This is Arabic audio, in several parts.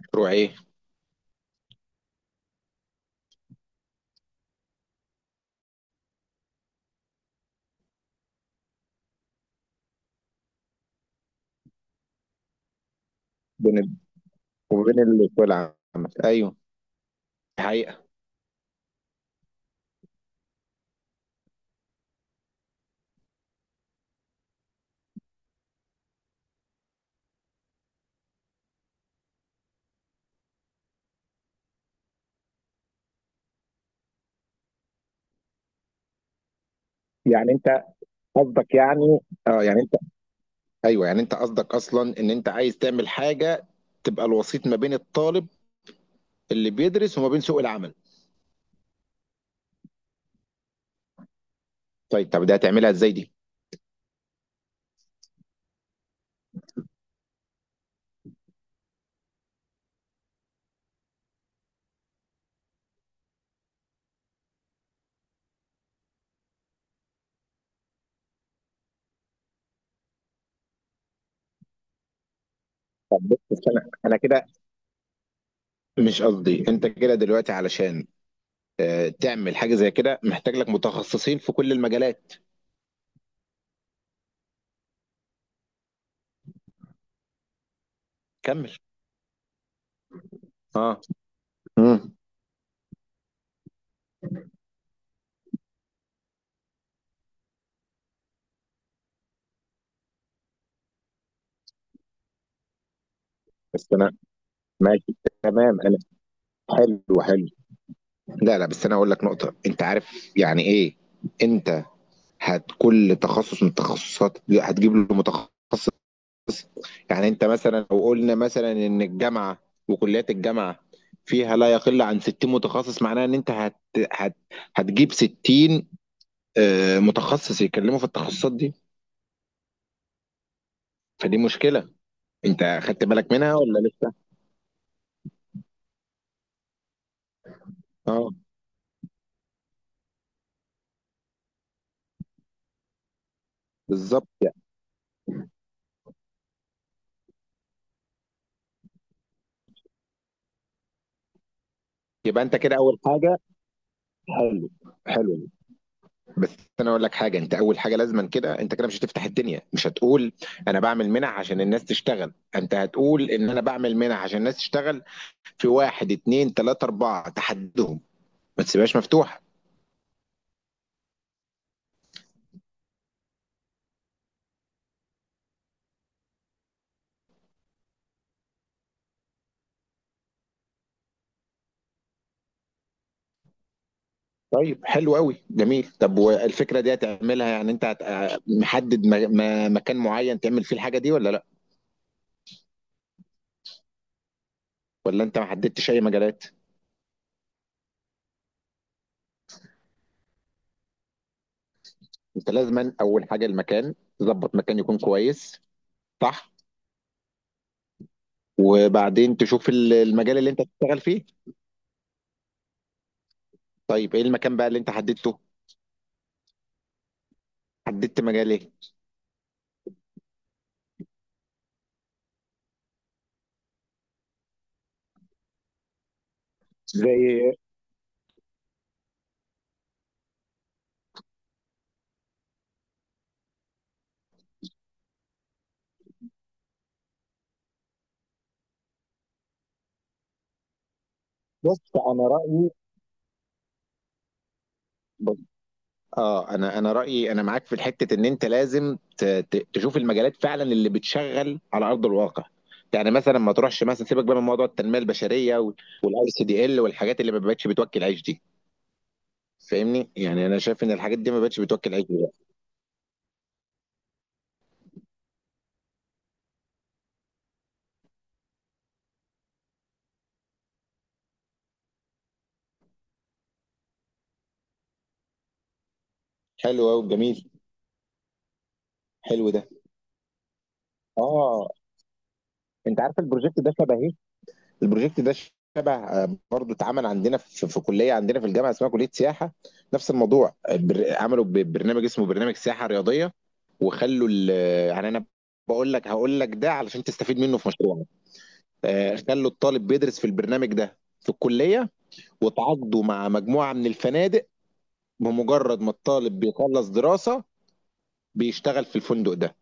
مشروع ايه؟ بين ال... وبين السوق العام. ايوه، دي حقيقه. يعني انت قصدك، يعني اه، يعني انت، ايوه يعني انت قصدك اصلا ان انت عايز تعمل حاجه تبقى الوسيط ما بين الطالب اللي بيدرس وما بين سوق العمل. طيب، طب ده هتعملها ازاي دي؟ بس انا كده، مش قصدي انت كده دلوقتي علشان تعمل حاجه زي كده محتاج لك متخصصين في كل المجالات. كمل. اه. امم بس انا، ماشي، تمام، انا، حلو حلو. لا لا، بس انا اقول لك نقطه. انت عارف يعني ايه؟ انت، هت كل تخصص من التخصصات هتجيب له متخصص. يعني انت مثلا لو قلنا مثلا ان الجامعه وكليات الجامعه فيها لا يقل عن 60 متخصص، معناها ان انت هت... هتجيب 60 متخصص يتكلموا في التخصصات دي. فدي مشكله. انت خدت بالك منها ولا لسه؟ اه، بالظبط. يبقى انت كده اول حاجه، حلو حلو. بس انا اقول لك حاجه. انت اول حاجه لازما كده، انت كده مش هتفتح الدنيا، مش هتقول انا بعمل منح عشان الناس تشتغل، انت هتقول ان انا بعمل منح عشان الناس تشتغل في واحد اتنين تلاته اربعه، تحدهم، ما تسيبهاش مفتوحه. طيب، حلو قوي، جميل. طب والفكره دي هتعملها يعني انت هت... محدد مكان معين تعمل فيه الحاجه دي ولا لا؟ ولا انت ما حددتش اي مجالات؟ انت لازما اول حاجه المكان، تظبط مكان يكون كويس. صح. وبعدين تشوف المجال اللي انت هتشتغل فيه. طيب ايه المكان بقى اللي انت حددته؟ حددت مجال ايه؟ زي، بص انا رايي، بص، اه انا رايي، انا معاك في الحته ان انت لازم تشوف المجالات فعلا اللي بتشغل على ارض الواقع. يعني مثلا ما تروحش مثلا، سيبك بقى من موضوع التنميه البشريه والاي سي دي ال والحاجات اللي ما بقتش بتوكل عيش دي. فاهمني؟ يعني انا شايف ان الحاجات دي ما بقتش بتوكل عيش دلوقتي. حلو قوي، جميل. حلو ده. اه. انت عارف البروجكت ده شبه، البروجكت ده شبه برضه اتعمل عندنا في كليه عندنا في الجامعه اسمها كليه سياحه. نفس الموضوع عملوا برنامج اسمه برنامج سياحه رياضيه وخلوا ال- يعني انا بقول لك، هقول لك ده علشان تستفيد منه في مشروعك. خلوا الطالب بيدرس في البرنامج ده في الكليه وتعاقدوا مع مجموعه من الفنادق. بمجرد ما الطالب بيخلص دراسه بيشتغل في الفندق ده.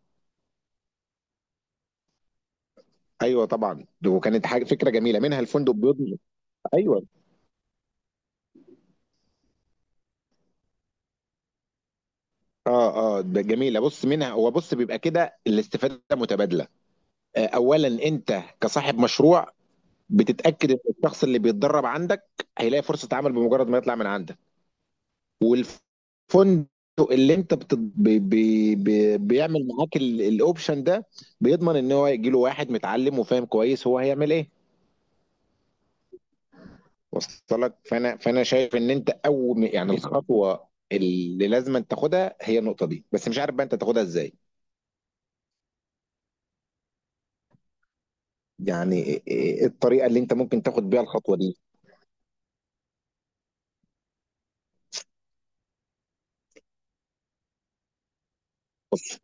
ايوه طبعا، وكانت حاجه، فكره جميله منها الفندق بيضمن. ايوه. اه اه ده جميله، بص منها، هو بص بيبقى كده الاستفاده متبادله. اولا انت كصاحب مشروع بتتاكد ان الشخص اللي بيتدرب عندك هيلاقي فرصه عمل بمجرد ما يطلع من عندك. والفندق اللي انت بت... بي... بي... بي... بيعمل معاك الاوبشن ده، بيضمن ان هو يجي له واحد متعلم وفاهم كويس هو هيعمل ايه. وصل لك؟ فانا شايف ان انت اول يعني الخطوه اللي لازم تاخدها هي النقطه دي، بس مش عارف بقى انت تاخدها ازاي. يعني إيه الطريقه اللي انت ممكن تاخد بيها الخطوه دي؟ بص،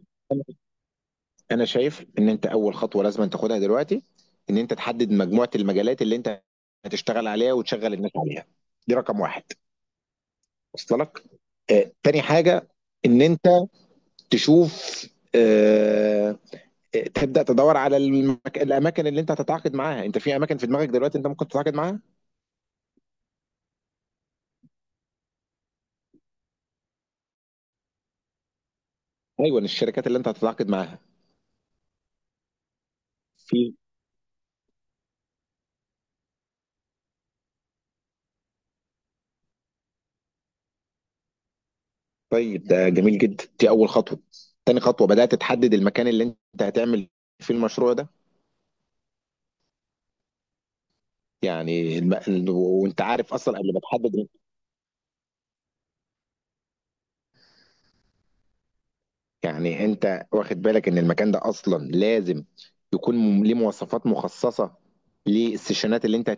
انا شايف ان انت اول خطوه لازم تاخدها دلوقتي ان انت تحدد مجموعه المجالات اللي انت هتشتغل عليها وتشغل الناس عليها. دي رقم واحد. وصل لك. تاني حاجه ان انت تشوف آه، تبدا تدور على الاماكن اللي انت هتتعاقد معاها. انت في اماكن في دماغك دلوقتي انت ممكن تتعاقد معاها؟ ايوه الشركات اللي انت هتتعاقد معاها في. طيب ده جميل جدا، دي اول خطوه. تاني خطوه بدات تحدد المكان اللي انت هتعمل فيه المشروع ده. يعني الم... ال- وانت عارف اصلا قبل ما تحدد، يعني انت واخد بالك ان المكان ده اصلا لازم يكون ليه مواصفات مخصصه للسيشنات اللي انت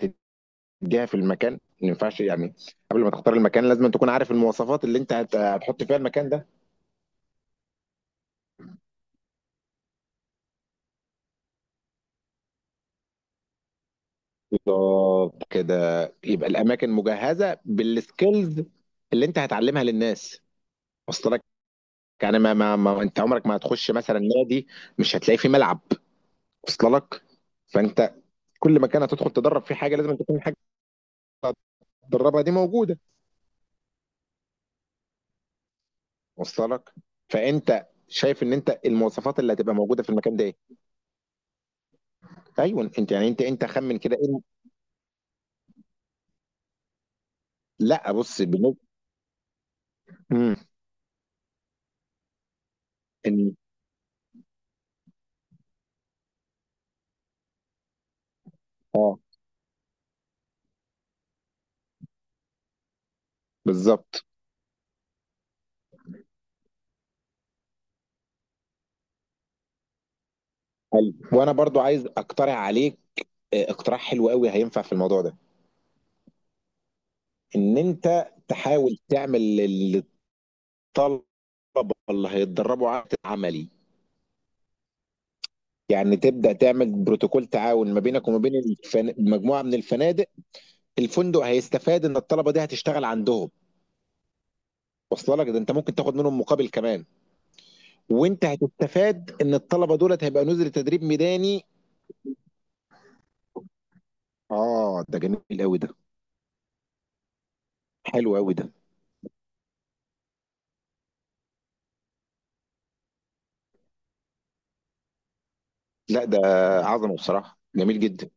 هتديها في المكان. ما ينفعش يعني قبل ما تختار المكان لازم تكون عارف المواصفات اللي انت هت... هتحط فيها المكان ده. بالظبط كده، يبقى الاماكن مجهزه بالسكيلز اللي انت هتعلمها للناس. وصل؟ يعني ما انت عمرك ما هتخش مثلا نادي مش هتلاقي فيه ملعب. وصل لك؟ فانت كل مكان هتدخل تدرب فيه حاجه لازم تكون الحاجه اللي هتدربها دي موجوده. وصل لك؟ فانت شايف ان انت المواصفات اللي هتبقى موجوده في المكان ده ايه؟ ايوه، انت يعني انت خمن كده ايه؟ لا، بص بالنسبه، امم ان، اه بالظبط. حلو. وانا برضو عايز اقترح عليك اقتراح حلو قوي هينفع في الموضوع ده. ان انت تحاول تعمل للطلبه اللي هيتدربوا عمل عملي. يعني تبدأ تعمل بروتوكول تعاون ما بينك وما بين مجموعة من الفنادق. الفندق هيستفاد ان الطلبة دي هتشتغل عندهم. واصله لك؟ ده انت ممكن تاخد منهم مقابل كمان. وانت هتستفاد ان الطلبة دولت هيبقى نزل تدريب ميداني. اه، ده جميل قوي ده. حلو قوي ده. لا، ده عظمة بصراحة، جميل جدا.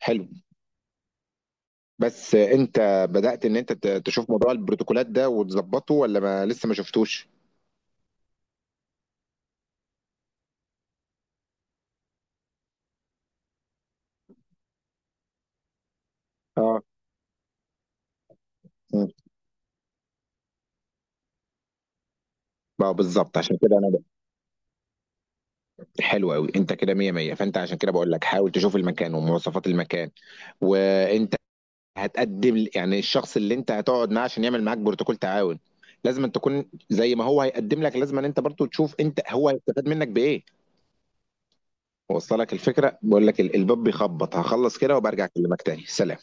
حلو. بس انت بدأت ان انت تشوف موضوع البروتوكولات ده وتظبطه ولا ما لسه ما شفتوش؟ اه. مم. بقى بالظبط، عشان كده حلو قوي انت كده مية مية. فانت عشان كده بقول لك حاول تشوف المكان ومواصفات المكان. وانت هتقدم يعني الشخص اللي انت هتقعد معاه عشان يعمل معاك بروتوكول تعاون لازم أن تكون زي ما هو هيقدم لك لازم أن انت برضو تشوف انت هو هيستفاد منك بايه. وصل لك الفكرة؟ بقول لك الباب بيخبط، هخلص كده وبرجع اكلمك تاني. سلام.